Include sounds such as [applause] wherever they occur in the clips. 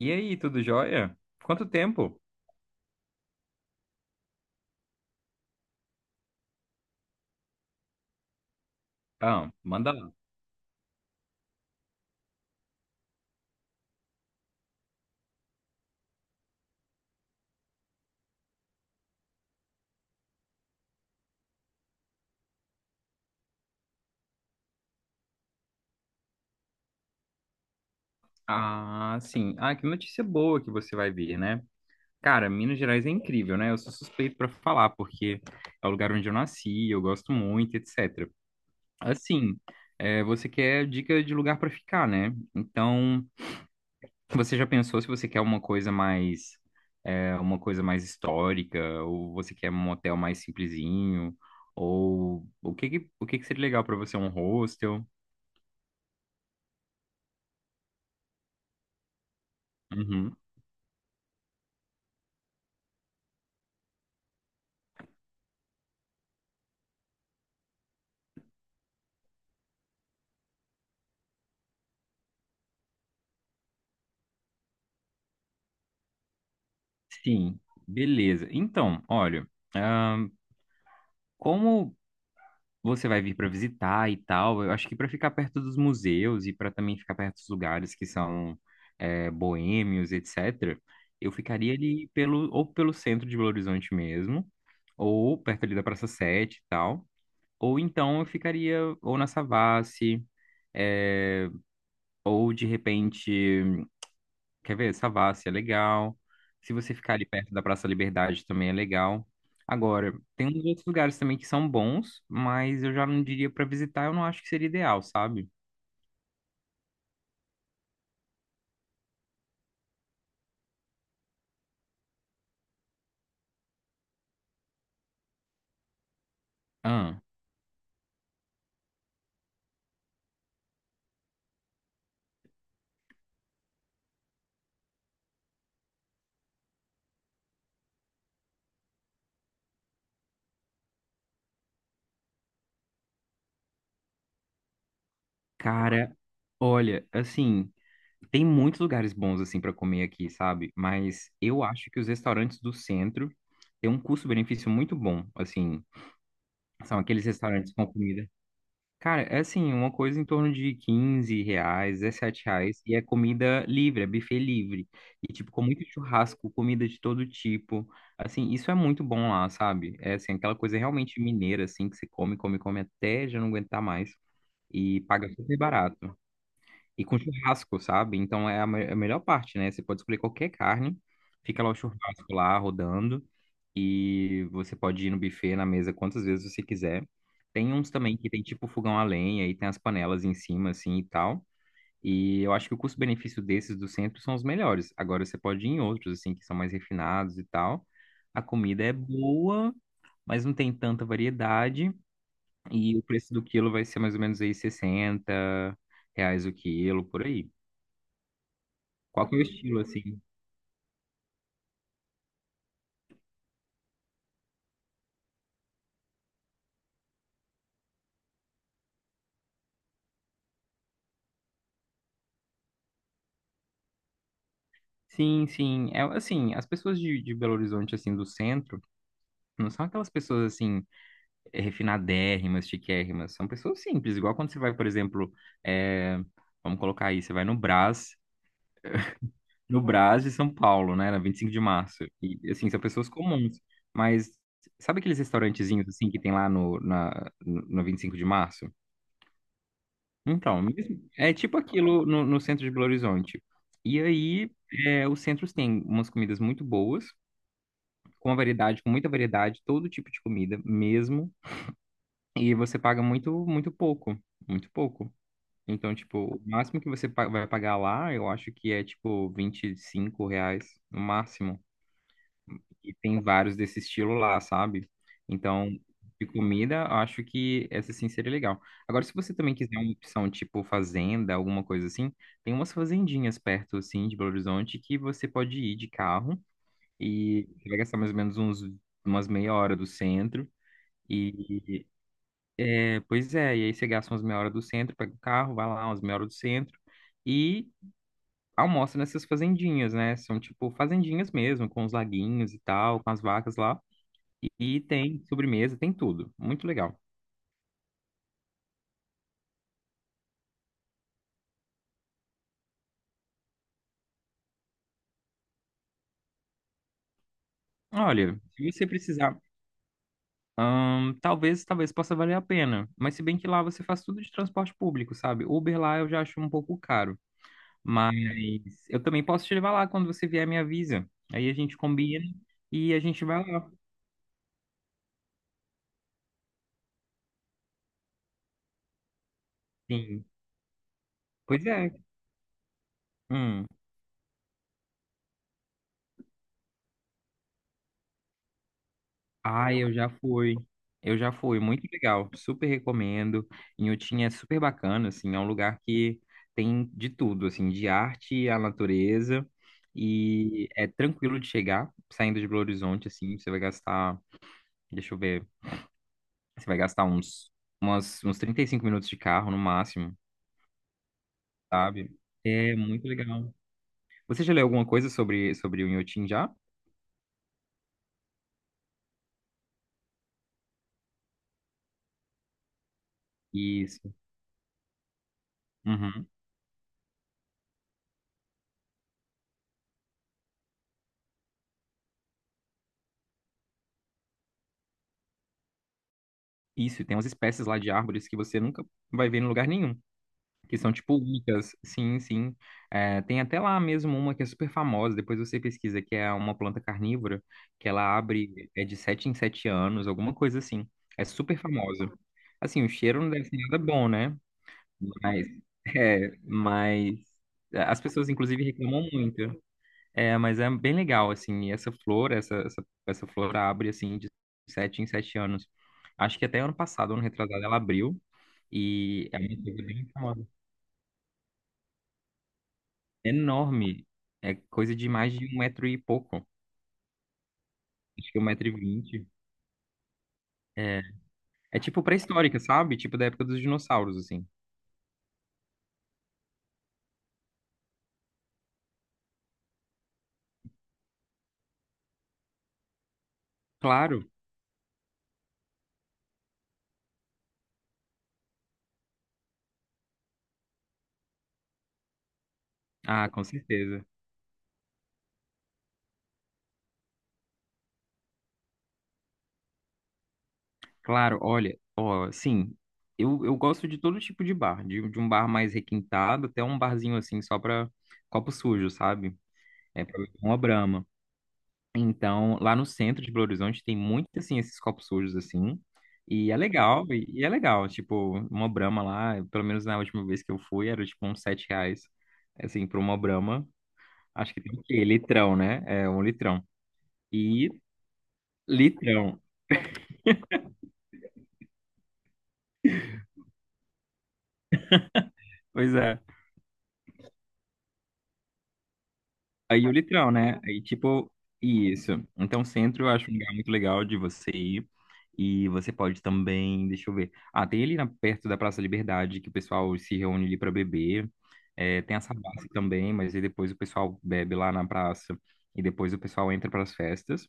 E aí, tudo jóia? Quanto tempo? Ah, manda lá. Ah, sim. Ah, que notícia boa que você vai ver, né? Cara, Minas Gerais é incrível, né? Eu sou suspeito pra falar, porque é o lugar onde eu nasci, eu gosto muito, etc. Assim, você quer dica de lugar pra ficar, né? Então, você já pensou se você quer uma coisa mais histórica, ou você quer um hotel mais simplesinho, ou o que que seria legal pra você, um hostel? Uhum. Sim, beleza. Então, olha, ahn, como você vai vir para visitar e tal, eu acho que para ficar perto dos museus e para também ficar perto dos lugares que são boêmios, etc., eu ficaria ali pelo, ou pelo centro de Belo Horizonte mesmo, ou perto ali da Praça Sete e tal, ou então eu ficaria ou na Savassi, é, ou de repente. Quer ver? Savassi é legal. Se você ficar ali perto da Praça Liberdade também é legal. Agora, tem uns outros lugares também que são bons, mas eu já não diria pra visitar, eu não acho que seria ideal, sabe? Ah, cara, olha, assim, tem muitos lugares bons assim pra comer aqui, sabe? Mas eu acho que os restaurantes do centro têm um custo-benefício muito bom, assim. São aqueles restaurantes com comida. Cara, é assim, uma coisa em torno de 15 reais, R$ 17, e é comida livre, é buffet livre. E, tipo, com muito churrasco, comida de todo tipo. Assim, isso é muito bom lá, sabe? É, assim, aquela coisa realmente mineira, assim, que você come, come, come até já não aguentar mais. E paga super barato. E com churrasco, sabe? Então é é a melhor parte, né? Você pode escolher qualquer carne, fica lá o churrasco lá rodando e você pode ir no buffet, na mesa, quantas vezes você quiser. Tem uns também que tem tipo fogão a lenha e tem as panelas em cima, assim e tal. E eu acho que o custo-benefício desses do centro são os melhores. Agora você pode ir em outros, assim, que são mais refinados e tal. A comida é boa, mas não tem tanta variedade. E o preço do quilo vai ser mais ou menos aí 60 reais o quilo, por aí. Qual que é o estilo, assim? Sim, sim. É, assim, as pessoas de Belo Horizonte, assim, do centro, não são aquelas pessoas, assim, refinadérrimas, chiquérrimas. São pessoas simples. Igual quando você vai, por exemplo, eh, vamos colocar aí, você vai no Brás, no Brás de São Paulo, né, na 25 de março. E, assim, são pessoas comuns. Mas sabe aqueles restaurantezinhos, assim, que tem lá no 25 de março? Então, é tipo aquilo no centro de Belo Horizonte. E aí, os centros têm umas comidas muito boas, com uma variedade, com muita variedade, todo tipo de comida mesmo, e você paga muito, muito pouco, muito pouco. Então, tipo, o máximo que você vai pagar lá, eu acho que é, tipo, 25 reais, no máximo. E tem vários desse estilo lá, sabe? Então, de comida, eu acho que essa, sim, seria legal. Agora, se você também quiser uma opção, tipo, fazenda, alguma coisa assim, tem umas fazendinhas perto, assim, de Belo Horizonte, que você pode ir de carro e você vai gastar mais ou menos uns, umas meia hora do centro. E é, pois é, e aí você gasta umas meia hora do centro, pega o carro, vai lá umas meia hora do centro e almoça nessas fazendinhas, né? São tipo fazendinhas mesmo, com os laguinhos e tal, com as vacas lá. E tem sobremesa, tem tudo. Muito legal. Olha, se você precisar, talvez possa valer a pena. Mas se bem que lá você faz tudo de transporte público, sabe? Uber lá eu já acho um pouco caro. Mas eu também posso te levar lá quando você vier, me avisa. Aí a gente combina e a gente vai lá. Sim. Pois é. Hum. Ai, eu já fui. Eu já fui, muito legal. Super recomendo. Inhotim é super bacana, assim, é um lugar que tem de tudo, assim, de arte à natureza. E é tranquilo de chegar, saindo de Belo Horizonte, assim, você vai gastar, deixa eu ver, você vai gastar uns 35 minutos de carro no máximo, sabe? É muito legal. Você já leu alguma coisa sobre o Inhotim já? Isso. Uhum. Isso, e tem umas espécies lá de árvores que você nunca vai ver em lugar nenhum, que são tipo únicas. Sim, sim. É, tem até lá mesmo uma que é super famosa, depois você pesquisa, que é uma planta carnívora, que ela abre é de 7 em 7 anos, alguma coisa assim. É super famosa. Assim, o cheiro não deve ser nada bom, né? Mas, [laughs] mas as pessoas inclusive reclamam muito. É, mas é bem legal, assim, e essa flor, essa flor abre, assim, de sete em sete anos. Acho que até ano passado, ano retrasado, ela abriu, e é uma coisa bem famosa. Enorme, é coisa de mais de um metro e pouco, acho que um metro e vinte. É, é tipo pré-histórica, sabe? Tipo da época dos dinossauros, assim. Claro, ah, com certeza. Claro, olha, ó, sim, eu gosto de todo tipo de bar, de um bar mais requintado até um barzinho, assim, só pra copo sujo, sabe? É pra beber uma Brahma. Então, lá no centro de Belo Horizonte tem muito, assim, esses copos sujos, assim. E é legal, e é legal. Tipo, uma Brahma lá, pelo menos na última vez que eu fui, era tipo uns sete reais, assim, pra uma Brahma. Acho que tem o quê? Litrão, né? É, um litrão. E litrão. Pois é. Aí o litoral, né? Aí, tipo, isso. Então, centro eu acho um lugar muito legal de você ir. E você pode também, deixa eu ver. Ah, tem ali na, perto da Praça Liberdade que o pessoal se reúne ali para beber. É, tem a Savassi também, mas aí depois o pessoal bebe lá na praça e depois o pessoal entra para as festas.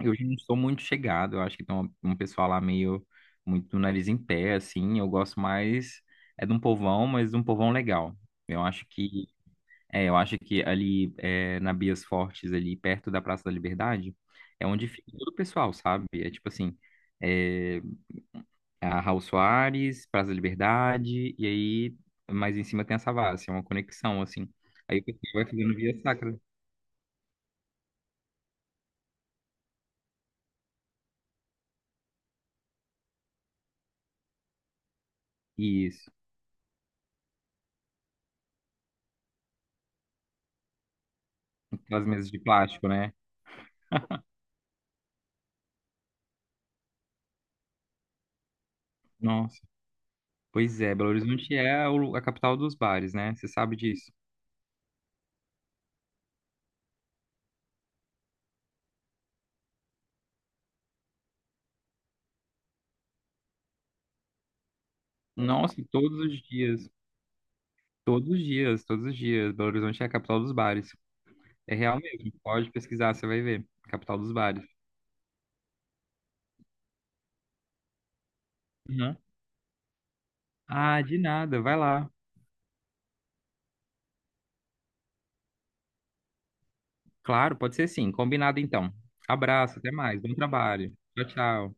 Eu já não sou muito chegado, eu acho que tem um, pessoal lá meio muito nariz em pé, assim. Eu gosto mais é de um povão, mas de um povão legal. Eu acho que eu acho que ali é, na Bias Fortes, ali perto da Praça da Liberdade, é onde fica todo o pessoal, sabe? É tipo assim, é, a Raul Soares, Praça da Liberdade, e aí mais em cima tem a Savassi, é uma conexão, assim. Aí o pessoal vai fazendo via sacra. Isso, aquelas mesas de plástico, né? Nossa, pois é, Belo Horizonte é a capital dos bares, né? Você sabe disso? Nossa, e todos os dias, todos os dias, todos os dias, Belo Horizonte é a capital dos bares. É real mesmo. Pode pesquisar, você vai ver. Capital dos bares. Uhum. Ah, de nada. Vai lá. Claro, pode ser sim. Combinado então. Abraço, até mais. Bom trabalho. Tchau, tchau.